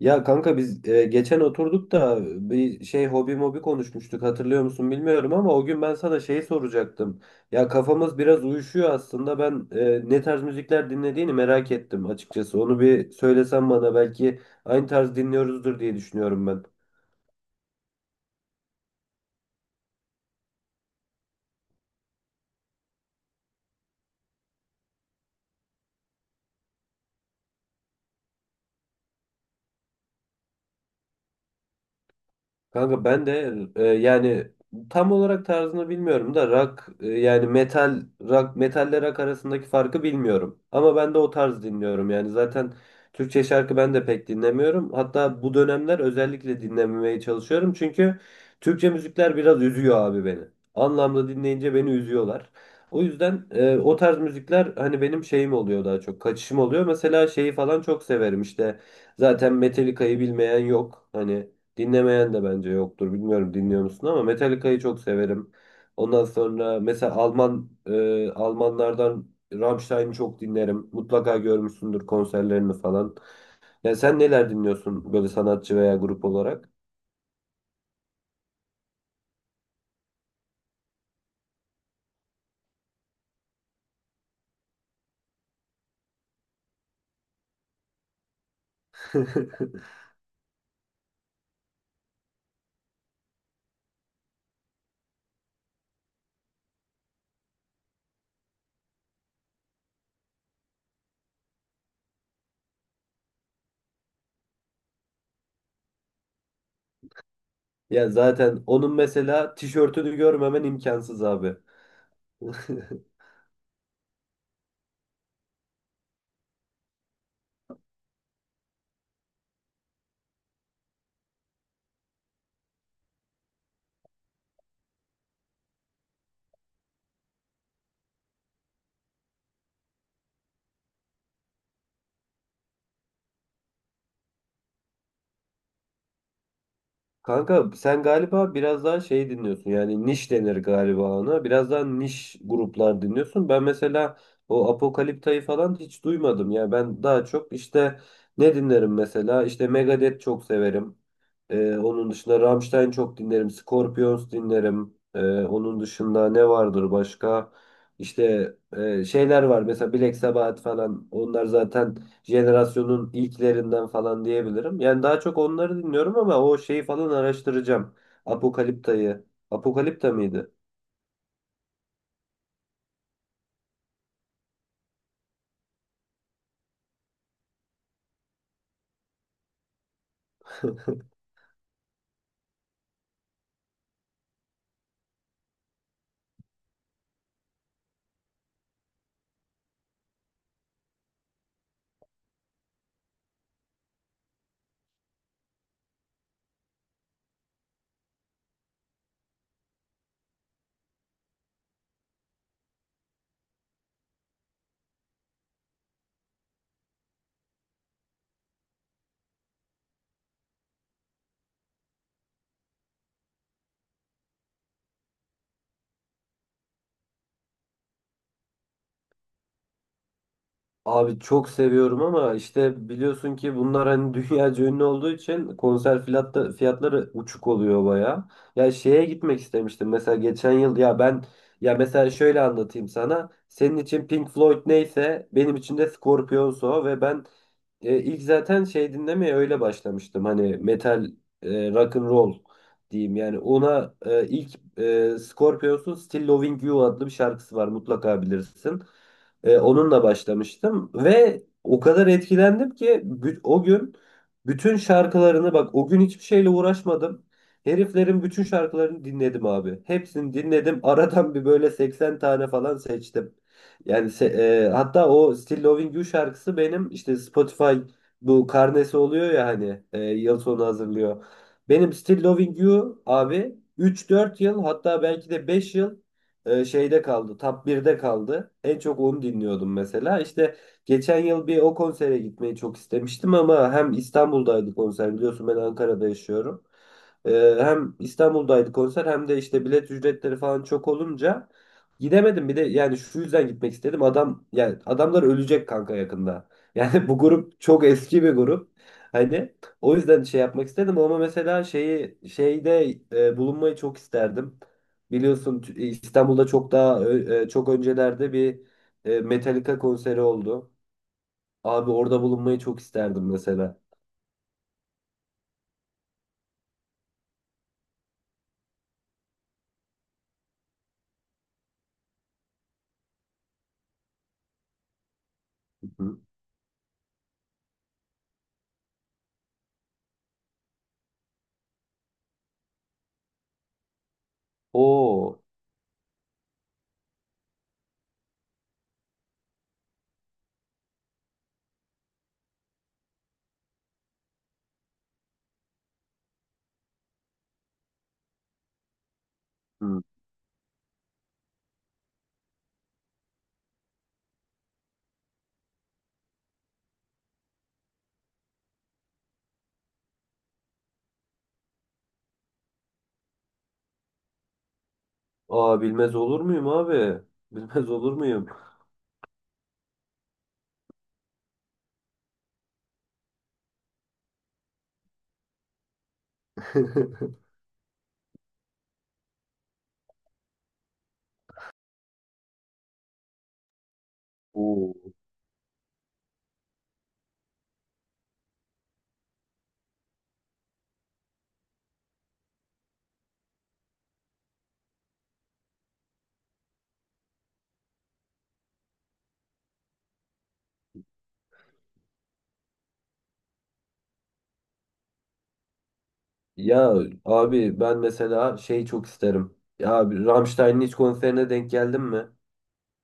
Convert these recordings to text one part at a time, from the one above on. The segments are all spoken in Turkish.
Ya kanka biz geçen oturduk da bir şey hobi mobi konuşmuştuk hatırlıyor musun bilmiyorum ama o gün ben sana şeyi soracaktım. Ya kafamız biraz uyuşuyor aslında ben ne tarz müzikler dinlediğini merak ettim açıkçası. Onu bir söylesen bana belki aynı tarz dinliyoruzdur diye düşünüyorum ben. Kanka ben de yani tam olarak tarzını bilmiyorum da rock yani metal rock metalle rock arasındaki farkı bilmiyorum. Ama ben de o tarz dinliyorum. Yani zaten Türkçe şarkı ben de pek dinlemiyorum. Hatta bu dönemler özellikle dinlememeye çalışıyorum. Çünkü Türkçe müzikler biraz üzüyor abi beni. Anlamda dinleyince beni üzüyorlar. O yüzden o tarz müzikler hani benim şeyim oluyor daha çok kaçışım oluyor. Mesela şeyi falan çok severim işte. Zaten Metallica'yı bilmeyen yok. Hani dinlemeyen de bence yoktur. Bilmiyorum dinliyor musun ama Metallica'yı çok severim. Ondan sonra mesela Alman Almanlardan Rammstein'i çok dinlerim. Mutlaka görmüşsündür konserlerini falan. Ya sen neler dinliyorsun böyle sanatçı veya grup olarak? Ya zaten onun mesela tişörtünü görmemen imkansız abi. Kanka sen galiba biraz daha şey dinliyorsun yani niş denir galiba ona biraz daha niş gruplar dinliyorsun ben mesela o Apokalipta'yı falan hiç duymadım ya ben daha çok işte ne dinlerim mesela işte Megadeth çok severim, onun dışında Rammstein çok dinlerim. Scorpions dinlerim. Onun dışında ne vardır başka? İşte şeyler var. Mesela Black Sabbath falan. Onlar zaten jenerasyonun ilklerinden falan diyebilirim. Yani daha çok onları dinliyorum ama o şeyi falan araştıracağım. Apokalipta'yı. Apokalipta mıydı? Abi çok seviyorum ama işte biliyorsun ki bunlar hani dünyaca ünlü olduğu için konser fiyatta, fiyatları uçuk oluyor baya. Ya şeye gitmek istemiştim mesela geçen yıl ya ben ya mesela şöyle anlatayım sana. Senin için Pink Floyd neyse benim için de Scorpions o ve ben ilk zaten şey dinlemeye öyle başlamıştım. Hani metal, rock and roll diyeyim. Yani ona ilk Scorpions'un Still Loving You adlı bir şarkısı var. Mutlaka bilirsin. Onunla başlamıştım ve o kadar etkilendim ki o gün bütün şarkılarını bak o gün hiçbir şeyle uğraşmadım. Heriflerin bütün şarkılarını dinledim abi. Hepsini dinledim. Aradan bir böyle 80 tane falan seçtim. Hatta o Still Loving You şarkısı benim işte Spotify bu karnesi oluyor ya hani yıl sonu hazırlıyor. Benim Still Loving You abi 3-4 yıl hatta belki de 5 yıl şeyde kaldı. Top birde kaldı. En çok onu dinliyordum mesela. İşte geçen yıl bir o konsere gitmeyi çok istemiştim ama hem İstanbul'daydı konser. Biliyorsun ben Ankara'da yaşıyorum. Hem İstanbul'daydı konser hem de işte bilet ücretleri falan çok olunca gidemedim. Bir de yani şu yüzden gitmek istedim. Adam yani adamlar ölecek kanka yakında. Yani bu grup çok eski bir grup. Hani o yüzden şey yapmak istedim ama mesela şeyi şeyde bulunmayı çok isterdim. Biliyorsun İstanbul'da çok daha çok öncelerde bir Metallica konseri oldu. Abi orada bulunmayı çok isterdim mesela. Hı. Oo. Hı. Aa bilmez olur muyum abi? Bilmez olur muyum? Oo. Ya abi ben mesela şey çok isterim. Ya abi Rammstein'in hiç konserine denk geldin mi?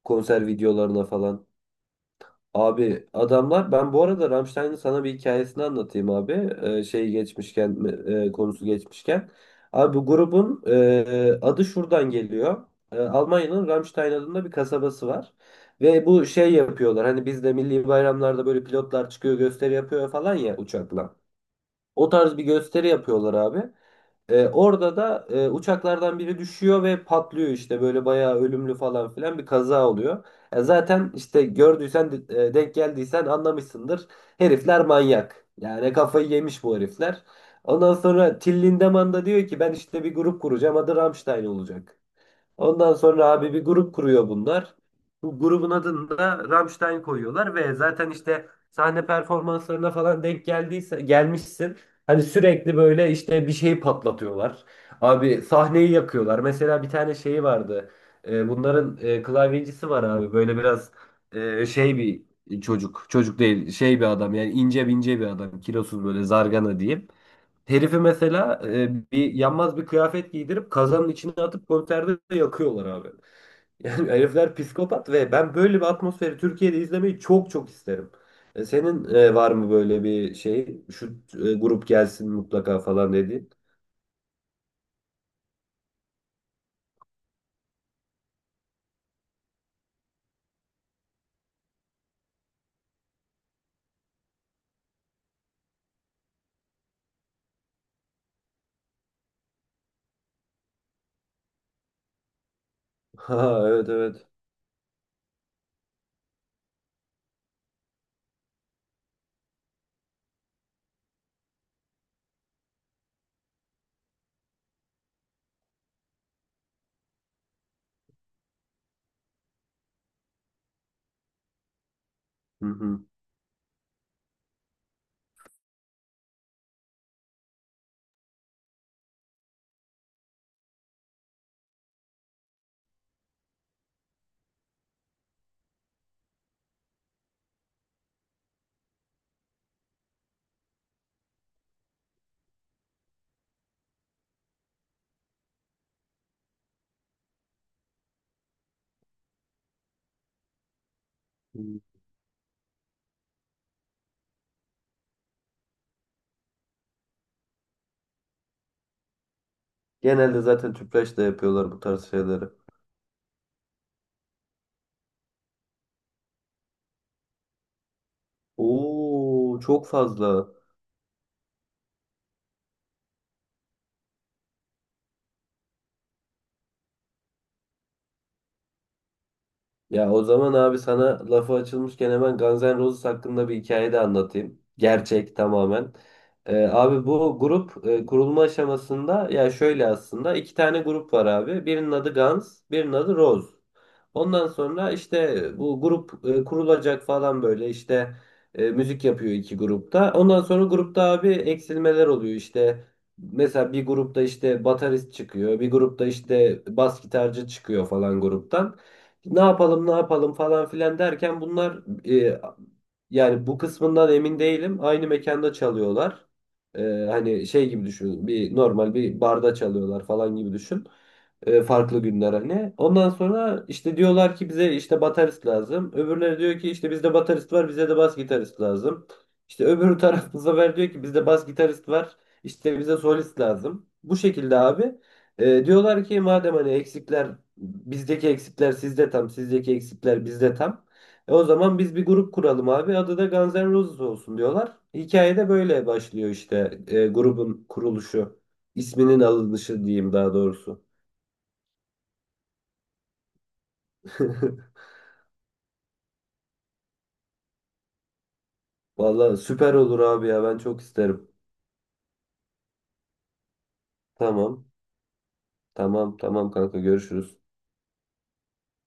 Konser videolarına falan. Abi adamlar ben bu arada Rammstein'in sana bir hikayesini anlatayım abi. Şey geçmişken konusu geçmişken. Abi bu grubun adı şuradan geliyor. Almanya'nın Rammstein adında bir kasabası var. Ve bu şey yapıyorlar. Hani bizde milli bayramlarda böyle pilotlar çıkıyor gösteri yapıyor falan ya uçakla. O tarz bir gösteri yapıyorlar abi. Orada da uçaklardan biri düşüyor ve patlıyor işte böyle bayağı ölümlü falan filan bir kaza oluyor. Zaten işte gördüysen denk geldiysen anlamışsındır. Herifler manyak. Yani kafayı yemiş bu herifler. Ondan sonra Till Lindemann da diyor ki ben işte bir grup kuracağım adı Rammstein olacak. Ondan sonra abi bir grup kuruyor bunlar. Bu grubun adını da Rammstein koyuyorlar ve zaten işte sahne performanslarına falan denk geldiyse gelmişsin. Hani sürekli böyle işte bir şeyi patlatıyorlar. Abi sahneyi yakıyorlar. Mesela bir tane şeyi vardı. Bunların klavyecisi var abi. Böyle biraz bir çocuk. Çocuk değil, şey bir adam. Yani ince ince bir adam. Kilosuz böyle zargana diyeyim. Herifi mesela bir yanmaz bir kıyafet giydirip kazanın içine atıp konserde de yakıyorlar abi. Yani herifler psikopat ve ben böyle bir atmosferi Türkiye'de izlemeyi çok çok isterim. Senin var mı böyle bir şey? Şu grup gelsin mutlaka falan dediğin. Ha evet evet. Hı hı. Genelde zaten tüpraş da yapıyorlar bu tarz şeyleri. Oo çok fazla. Ya o zaman abi sana lafı açılmışken hemen Guns N' Roses hakkında bir hikaye de anlatayım. Gerçek tamamen. Abi bu grup kurulma aşamasında ya şöyle aslında iki tane grup var abi. Birinin adı Guns, birinin adı Rose. Ondan sonra işte bu grup kurulacak falan böyle işte müzik yapıyor iki grupta. Ondan sonra grupta abi eksilmeler oluyor işte. Mesela bir grupta işte baterist çıkıyor, bir grupta işte bas gitarcı çıkıyor falan gruptan ne yapalım ne yapalım falan filan derken bunlar e, yani bu kısmından emin değilim. Aynı mekanda çalıyorlar. E, Hani şey gibi düşün. Bir normal bir barda çalıyorlar falan gibi düşün. Farklı günler hani. Ondan sonra işte diyorlar ki bize işte baterist lazım. Öbürleri diyor ki işte bizde baterist var, bize de bas gitarist lazım. İşte öbür taraf bu sefer diyor ki bizde bas gitarist var, işte bize solist lazım. Bu şekilde abi. Diyorlar ki madem hani bizdeki eksikler sizde tam, sizdeki eksikler bizde tam. O zaman biz bir grup kuralım abi. Adı da Guns N' Roses olsun diyorlar. Hikaye de böyle başlıyor işte grubun kuruluşu. İsminin alınışı diyeyim daha doğrusu. Vallahi süper olur abi ya ben çok isterim. Tamam. Tamam tamam kanka görüşürüz.